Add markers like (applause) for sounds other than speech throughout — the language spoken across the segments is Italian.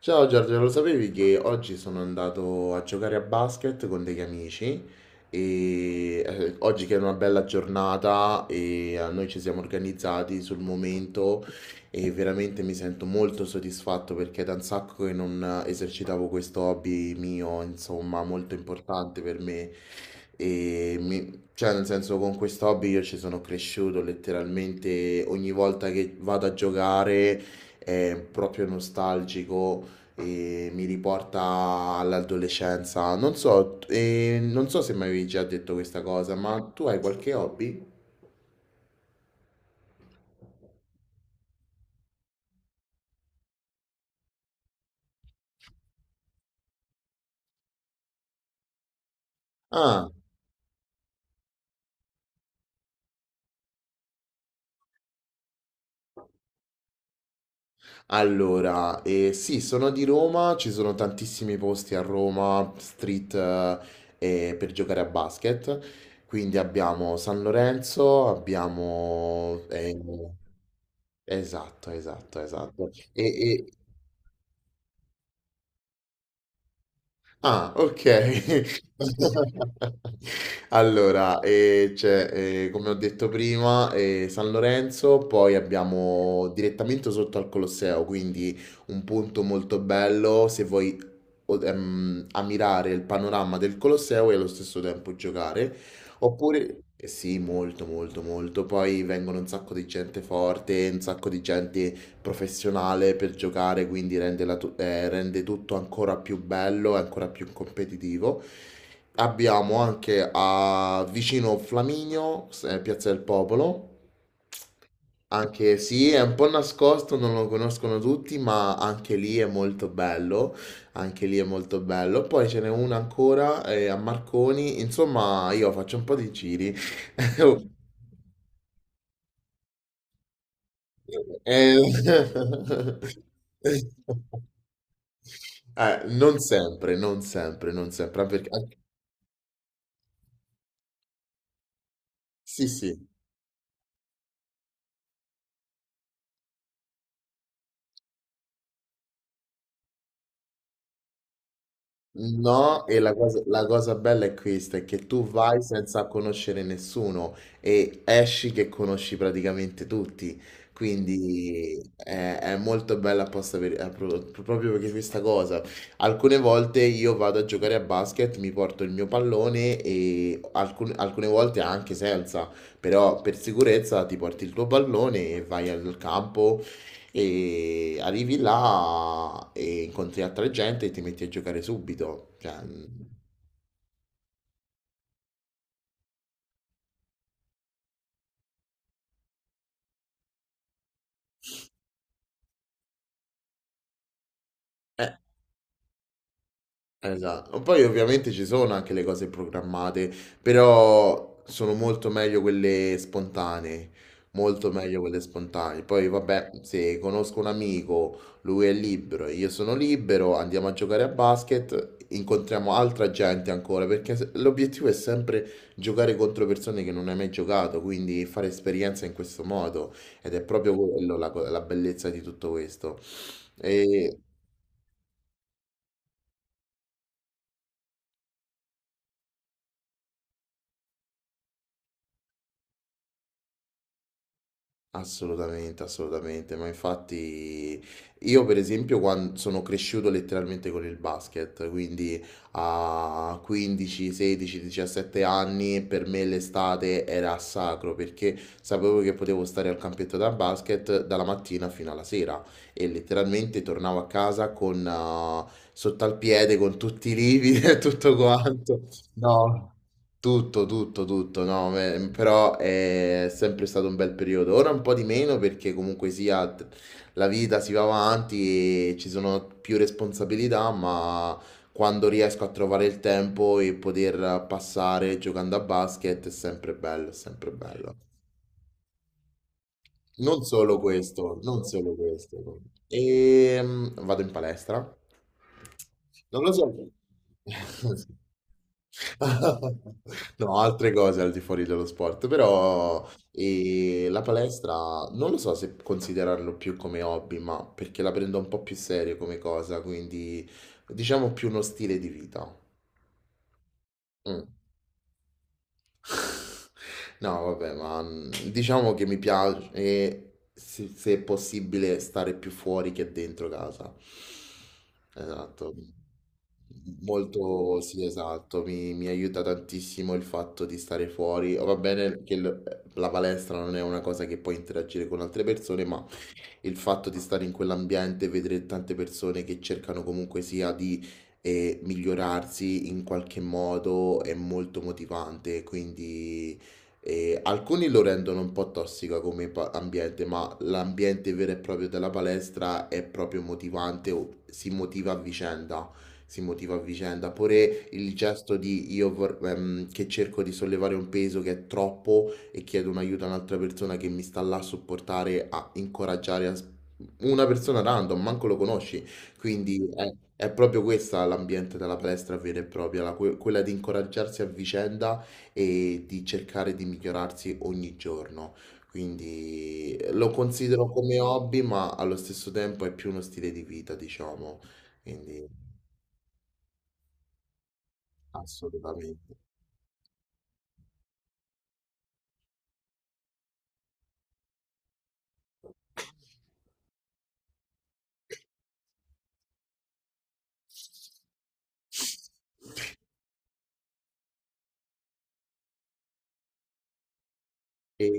Ciao Giorgio, lo sapevi che oggi sono andato a giocare a basket con degli amici e oggi che è una bella giornata e noi ci siamo organizzati sul momento e veramente mi sento molto soddisfatto perché è da un sacco che non esercitavo questo hobby mio, insomma, molto importante per me. E cioè, nel senso, con questo hobby io ci sono cresciuto letteralmente. Ogni volta che vado a giocare è proprio nostalgico e mi riporta all'adolescenza. Non so, non so se mi avevi già detto questa cosa, ma tu hai qualche hobby? Ah, allora, sì, sono di Roma, ci sono tantissimi posti a Roma, street, per giocare a basket. Quindi abbiamo San Lorenzo, esatto, esatto, esatto. Ah, ok. (laughs) Allora, c'è, come ho detto prima, San Lorenzo, poi abbiamo direttamente sotto al Colosseo, quindi un punto molto bello se vuoi ammirare il panorama del Colosseo e allo stesso tempo giocare. Oppure, eh sì, molto, molto, molto. Poi vengono un sacco di gente forte, un sacco di gente professionale per giocare, quindi rende tutto ancora più bello e ancora più competitivo. Abbiamo anche a vicino Flaminio, Piazza del Popolo, anche sì, è un po' nascosto, non lo conoscono tutti, ma anche lì è molto bello, anche lì è molto bello. Poi ce n'è una ancora a Marconi, insomma io faccio un po' di giri. (laughs) Eh, (laughs) non sempre, non sempre, non sempre, anche perché sì, sì, no, e la cosa bella è questa, è che tu vai senza conoscere nessuno e esci che conosci praticamente tutti, quindi è molto bella apposta per, proprio perché questa cosa. Alcune volte io vado a giocare a basket, mi porto il mio pallone e alcune volte anche senza, però per sicurezza ti porti il tuo pallone e vai al campo. E arrivi là e incontri altra gente e ti metti a giocare subito. Cioè, eh. Esatto. Poi ovviamente ci sono anche le cose programmate, però sono molto meglio quelle spontanee, molto meglio quelle spontanee. Poi vabbè, se conosco un amico, lui è libero, e io sono libero, andiamo a giocare a basket, incontriamo altra gente ancora, perché l'obiettivo è sempre giocare contro persone che non hai mai giocato, quindi fare esperienza in questo modo ed è proprio quello la bellezza di tutto questo. E assolutamente, assolutamente, ma infatti io per esempio quando sono cresciuto letteralmente con il basket, quindi a 15, 16, 17 anni per me l'estate era sacro perché sapevo che potevo stare al campetto da basket dalla mattina fino alla sera e letteralmente tornavo a casa con sotto al piede con tutti i lividi (laughs) e tutto quanto. No. Tutto, tutto, tutto, no, però è sempre stato un bel periodo. Ora un po' di meno perché comunque sia la vita si va avanti e ci sono più responsabilità, ma quando riesco a trovare il tempo e poter passare giocando a basket è sempre bello, è sempre bello. Non solo questo, non solo questo. E vado in palestra. Non lo so. (laughs) (laughs) No, altre cose al di fuori dello sport, però e la palestra non lo so se considerarlo più come hobby, ma perché la prendo un po' più serio come cosa, quindi diciamo più uno stile di vita. Mm. (laughs) No, vabbè, ma diciamo che mi piace, se è possibile, stare più fuori che dentro casa. Esatto. Molto, sì, esatto, mi aiuta tantissimo il fatto di stare fuori. Va bene che la palestra non è una cosa che puoi interagire con altre persone, ma il fatto di stare in quell'ambiente e vedere tante persone che cercano comunque sia di migliorarsi in qualche modo è molto motivante, quindi alcuni lo rendono un po' tossica come ambiente, ma l'ambiente vero e proprio della palestra è proprio motivante, o si motiva a vicenda. Si motiva a vicenda, pure il gesto di che cerco di sollevare un peso che è troppo, e chiedo un aiuto a un'altra persona che mi sta là a supportare, a incoraggiare, una persona random, manco lo conosci. Quindi è proprio questa l'ambiente della palestra vera e propria, quella di incoraggiarsi a vicenda e di cercare di migliorarsi ogni giorno. Quindi lo considero come hobby, ma allo stesso tempo è più uno stile di vita, diciamo. Quindi assolutamente. E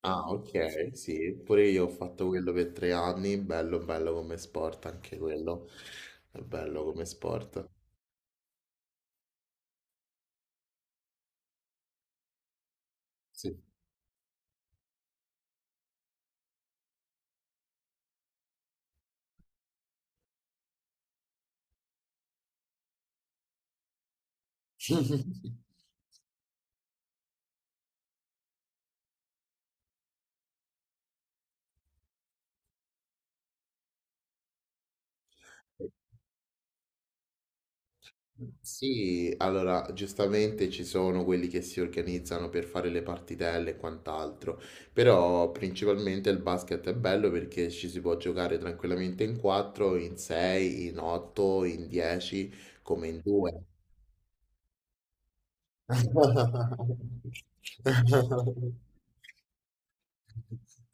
ah, ok, sì, pure io ho fatto quello per 3 anni, bello, bello come sport, anche quello è bello come sport. Sì. (laughs) Sì, allora giustamente ci sono quelli che si organizzano per fare le partitelle e quant'altro, però principalmente il basket è bello perché ci si può giocare tranquillamente in 4, in 6, in 8, in 10, come in 2. (laughs)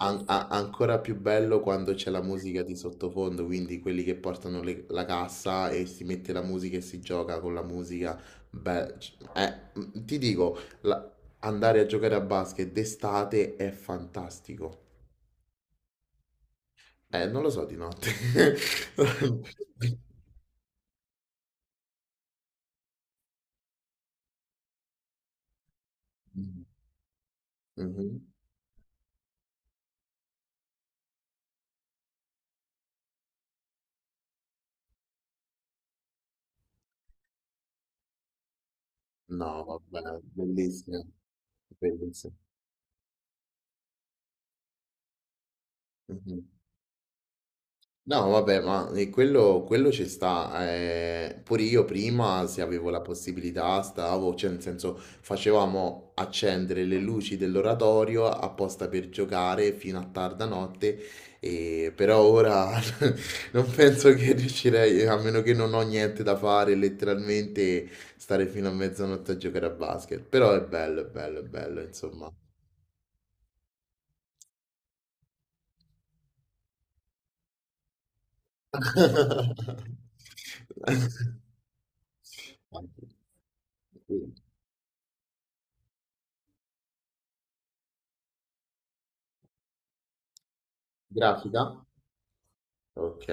Ancora più bello quando c'è la musica di sottofondo, quindi quelli che portano la cassa e si mette la musica e si gioca con la musica. Beh, ti dico, andare a giocare a basket d'estate è fantastico. Non lo so di notte. (laughs) Mhm. No, vabbè, bellissimo, bellissimo. Mhm. No, vabbè, ma quello, quello ci sta. Pure io prima, se avevo la possibilità, stavo, cioè nel senso, facevamo accendere le luci dell'oratorio apposta per giocare fino a tarda notte, e, però ora (laughs) non penso che riuscirei, a meno che non ho niente da fare, letteralmente stare fino a mezzanotte a giocare a basket. Però è bello, è bello, è bello, insomma. (laughs) (laughs) Grafica? Ok.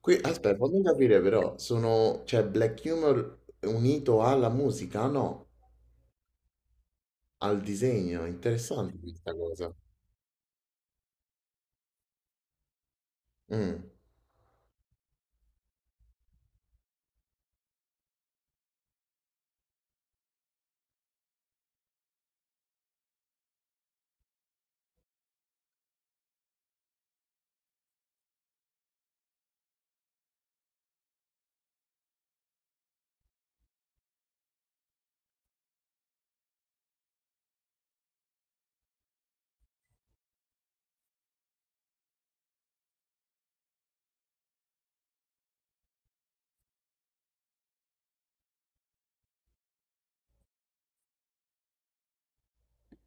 Qui, aspetta, voglio capire però, sono, cioè, Black Humor unito alla musica? No, al disegno, interessante questa cosa. Mm.